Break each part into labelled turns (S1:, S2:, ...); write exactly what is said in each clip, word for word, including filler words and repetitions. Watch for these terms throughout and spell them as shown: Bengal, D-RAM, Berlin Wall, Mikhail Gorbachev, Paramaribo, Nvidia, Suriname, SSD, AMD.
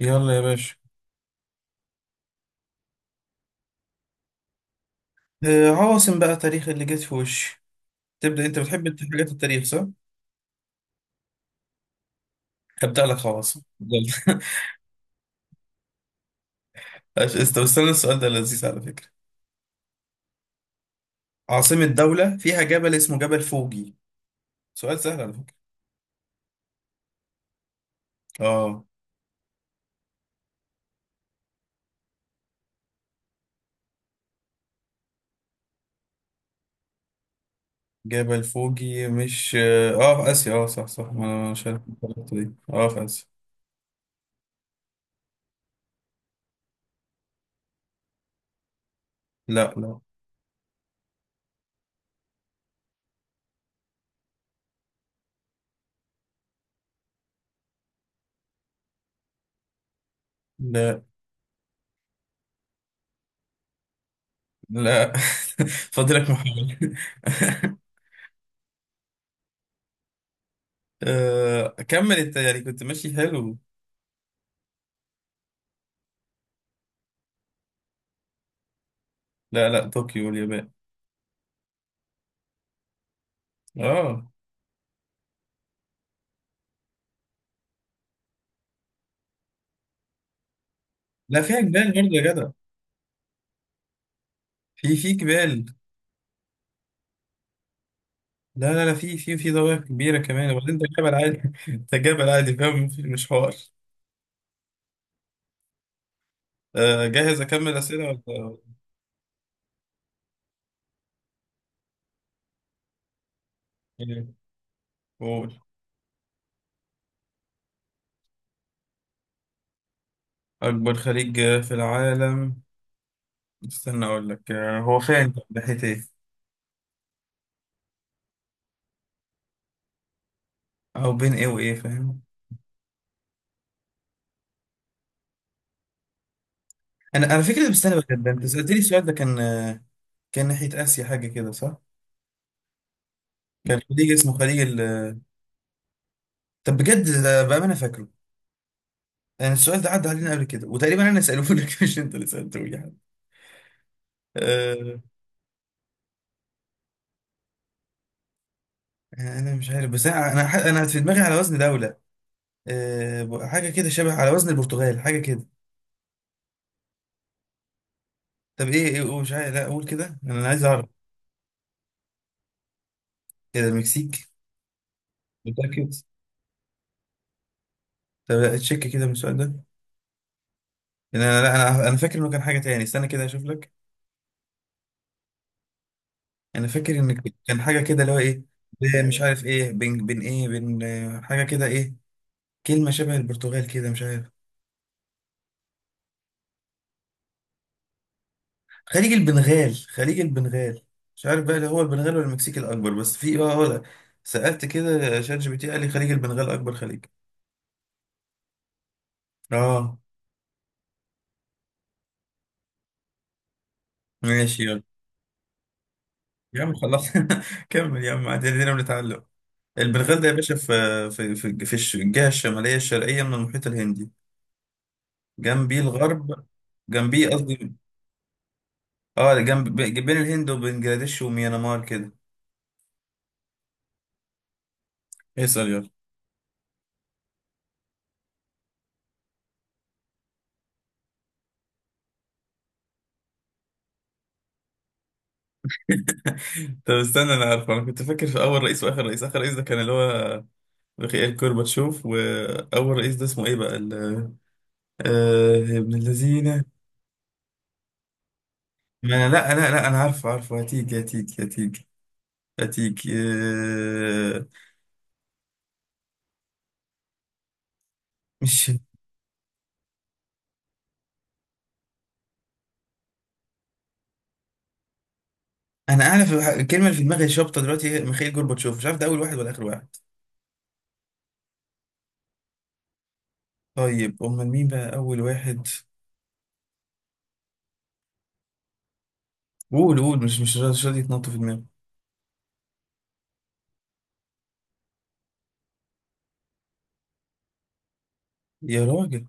S1: يلا يا باشا. آه، عواصم بقى، تاريخ اللي جت في وشي. تبدأ انت، بتحب حاجات التاريخ صح؟ هبدأ لك عواصم يلا. عش- است- استنى، السؤال ده لذيذ على فكرة. عاصمة دولة فيها جبل اسمه جبل فوجي. سؤال سهل على فكرة. اه، جبل فوجي مش اه آه، في آسيا. اه، صح صح، ما انا مش عارف الطريقة دي. اه، في آسيا. لا لا لا لا. فاضلك محاولة. آه، كمل انت، يعني كنت ماشي حلو. لا لا، طوكيو، اليابان. اه، لا فيها جبال برضه يا جدع. في في جبال. لا لا لا، في في في ضواحي كبيرة كمان، وبعدين ده جبل عادي. ده جبل عادي. فاهم، مش حوار. آه، جاهز أكمل أسئلة ولا؟ ولا إيه؟ قول. أكبر خليج في العالم؟ استنى أقول لك. آه، هو فين طب؟ ناحية إيه؟ أو بين إيه وإيه، فاهم. أنا على فكرة بستنى بقى، ده أنت سألتني السؤال ده، كان آه، كان ناحية آسيا حاجة كده صح؟ كان خليج اسمه خليج ال... طب بجد ده بقى أنا فاكره. يعني السؤال ده عدى علينا قبل كده، وتقريبا أنا سألوه لك مش أنت اللي سألته لي. أه. انا مش عارف، بس انا انا ح- انا في دماغي على وزن دولة. أه، ب- حاجة كده شبه على وزن البرتغال، حاجة كده. طب ايه ايه قول- مش عارف، لا اقول كده، انا عايز اعرف. كده المكسيك؟ متأكد؟ طب تشيك كده من السؤال ده. إن انا، لا، انا انا فاكر انه كان حاجة تاني، استنى كده اشوف لك. انا فاكر ان كان حاجة كده اللي هو ايه، ب- مش عارف ايه، بين، بين ايه بين آه، حاجة كده ايه، كلمة شبه البرتغال كده، مش عارف. خليج البنغال، خليج البنغال. مش عارف بقى اللي هو البنغال ولا المكسيك الأكبر، بس في اه آه، سألت كده شات جي بي تي، قال لي خليج البنغال أكبر خليج. اه. ماشي، يلا. يا عم خلاص. كمل يا عم، عدينا، بنتعلم. البنغال ده يا باشا في في في في الش- الجهة الشمالية الشرقية من المحيط الهندي. جنبيه الغرب، جنبيه قصدي. اه، جنب، بين الهند وبنجلاديش وميانمار كده. اسأل يلا. طب استنى، انا عارفه، انا كنت فاكر في اول رئيس واخر رئيس. اخر رئيس ده كان اللي هو ميخائيل كورباتشوف، وأول رئيس ده اسمه إيه بقى، ال... آه، ابن الذين. ما أنا لا لا لا أنا عارفه، عارفه هتيجي هتيجي هتيجي هتيجي. آه، مش... أنا أعرف الح- الكلمة اللي في دماغي شابطة دلوقتي هي ميخائيل كورباتشوف، مش عارف ده أول واحد ولا آخر واحد. طيب أمال مين بقى أول واحد؟ قول قول، مش مش راضي- مش راضي يتنطط في دماغي. يا راجل،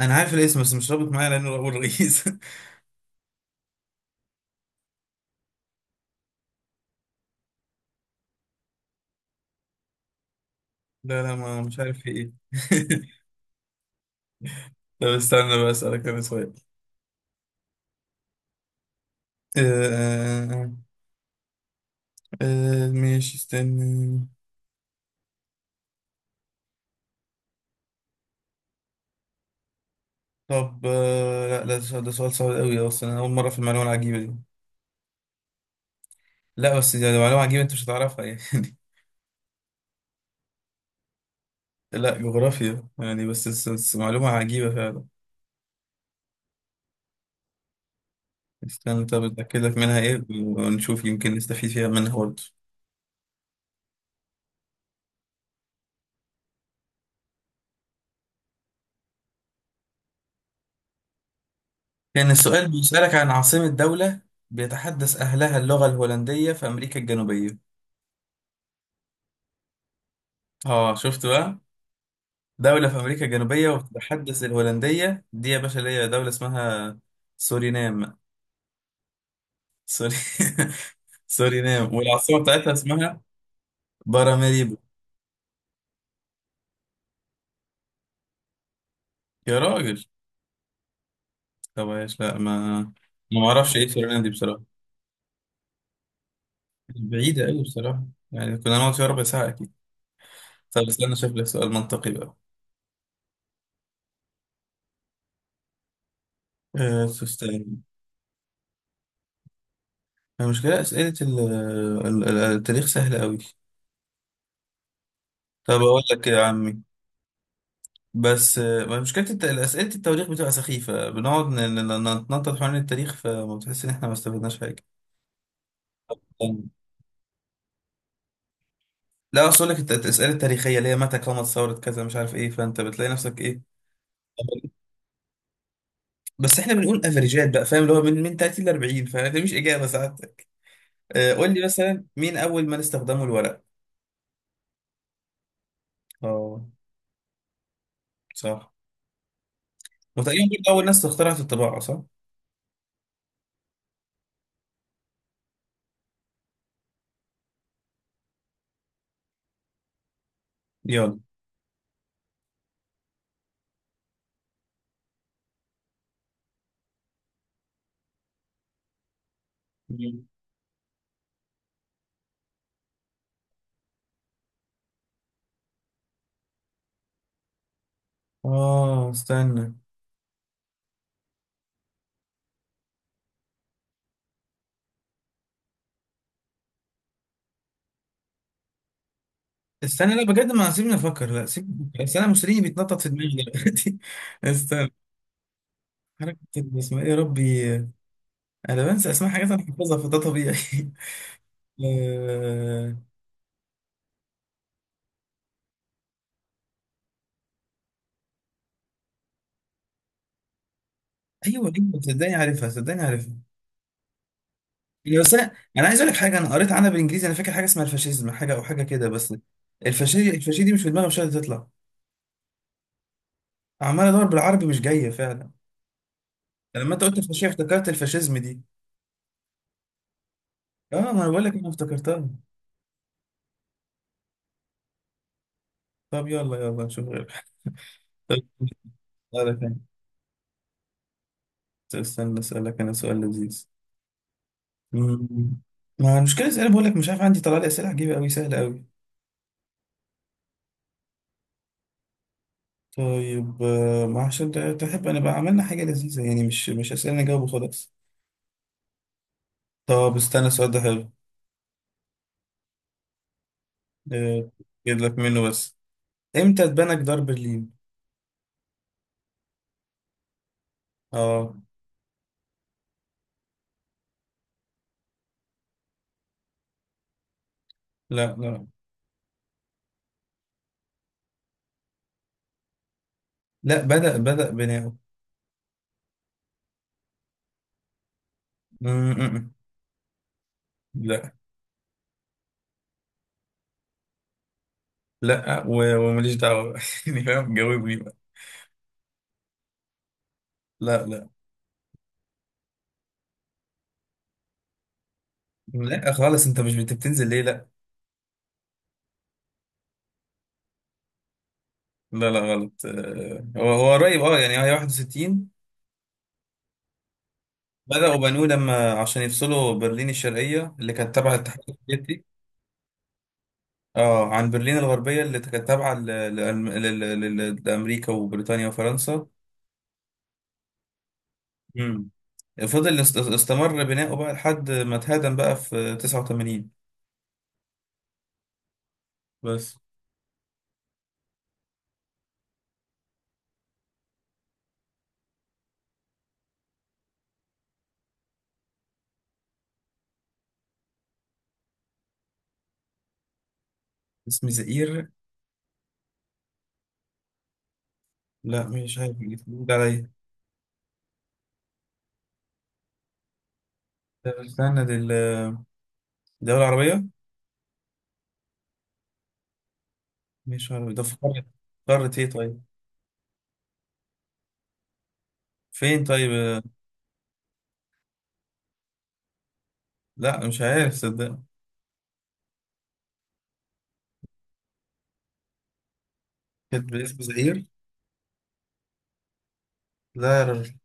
S1: أنا عارف الاسم بس مش رابط معايا لأنه أول رئيس. لا لا ما مش عارف في إيه. طب استنى بقى أسألك أنا سؤال. آه، آه، آه. آه ماشي، استنى. طب، آه لا لا ده سؤال، ده سؤال صعب قوي اصلا، انا اول مره في المعلومه العجيبه دي. لا بس دي دي معلومه عجيبه، انت مش هتعرفها يعني. لا، جغرافيا، يعني بس, بس, بس معلومه عجيبه فعلا. استنى، طب اتاكد لك منها ايه ونشوف، يمكن نستفيد فيها، منها برضه. كان السؤال بيسالك عن عاصمه دوله بيتحدث اهلها اللغه الهولنديه في امريكا الجنوبيه. اه، شفت بقى؟ دوله في امريكا الجنوبيه وبتتحدث الهولنديه، دي يا باشا اللي هي دوله اسمها سورينام. سوري سورينام، والعاصمة بتاعتها اسمها باراماريبو. يا راجل، طب ايش، لا ما أنا... ما اعرفش ايه سورينام دي بصراحة، بعيدة قوي بصراحة، يعني كنا نقعد فيها ربع ساعة أكيد. طب استنى أشوف لك سؤال منطقي بقى. أه تستاهل. المشكلة أسئلة ال- ال- ال- التاريخ سهلة قوي. طب أقول لك يا عمي، بس آه، ما مشكلة الت- أسئلة التواريخ بتبقى سخيفة، بنقعد ن- ن- نتنطط حوالين التاريخ، فما بتحس إن إحنا ما استفدناش حاجة. لا، اصل لك الاسئله التاريخيه اللي هي متى قامت ثوره كذا، مش عارف ايه، فانت بتلاقي نفسك ايه. بس احنا بنقول افريجات بقى، فاهم، اللي هو من من ثلاثين ل أربعين، فده مش اجابه ساعتك. آه، قول لي مثلا، مين اول من استخدموا الورق؟ اه صح. وتقريبا برضه اول ناس اخترعت الطباعه صح؟ يلا. مم. اه استنى، استنى، لا بجد ما سيبني افكر، لا سيب بس، انا مسلمي بيتنطط في دماغي دلوقتي. استنى، حركه اسمها ايه يا ربي؟ انا بنسى اسماء حاجات انا حافظها، فده طبيعي. آه، ايوه ايوه، صدقني عارفها، صدقني عارفها. يعني بس انا، انا عايز اقول لك حاجه، انا قريت عنها بالانجليزي، انا فاكر حاجه اسمها الفاشيزم حاجه، او حاجه كده، بس الفاشي الفاشي دي مش في دماغي، مش قادر تطلع. عمال ادور بالعربي مش جايه فعلا. يعني لما انت قلت الفاشيه، افتكرت الفاشيزم دي. اه، ما انا بقول لك انا افتكرتها. طب يلا يلا، نشوف غيرها. طب اسالك انا، استنى، اسالك انا سؤال لذيذ. مم. ما المشكله، اسئله بقول لك مش عارف، عندي طلع لي اسئله عجيبه قوي، سهله قوي. طيب آه، ما عشان ده- تحب انا بقى، عملنا حاجه لذيذه، يعني مش مش اسئله نجاوب وخلاص. طب استنى، السؤال ده حلو. آه، جيب لك منه بس. امتى اتبنى جدار برلين؟ اه لا لا، لا بدأ، بدأ بناؤه. م- م- م. لا. لا و- وماليش دعوة بقى. يعني فاهم، جاوبني بقى. لا لا. لا خالص، انت مش بت- بتنزل ليه، لا. لا لا غلط. آه، هو هو قريب، اه، يعني هي واحد وستين. بدأوا بنوه لما عشان يفصلوا برلين الشرقية اللي كانت تابعة الاتحاد السوفيتي. اه، عن برلين الغربية اللي كانت تابعة ل- لألم- ل- ل- ل- لأمريكا وبريطانيا وفرنسا. مم. فضل است- استمر بناؤه بقى لحد ما اتهدم بقى في تسعة وثمانين بس. اسم زئير؟ لا مش عارف، جديد عليا. طب استنى، دي ال- الدولة العربية؟ مش عارف ده، في قارة؟ قارة ايه طيب؟ فين طيب؟ آه، لا مش عارف صدق. كانت باسم زئير؟ لا.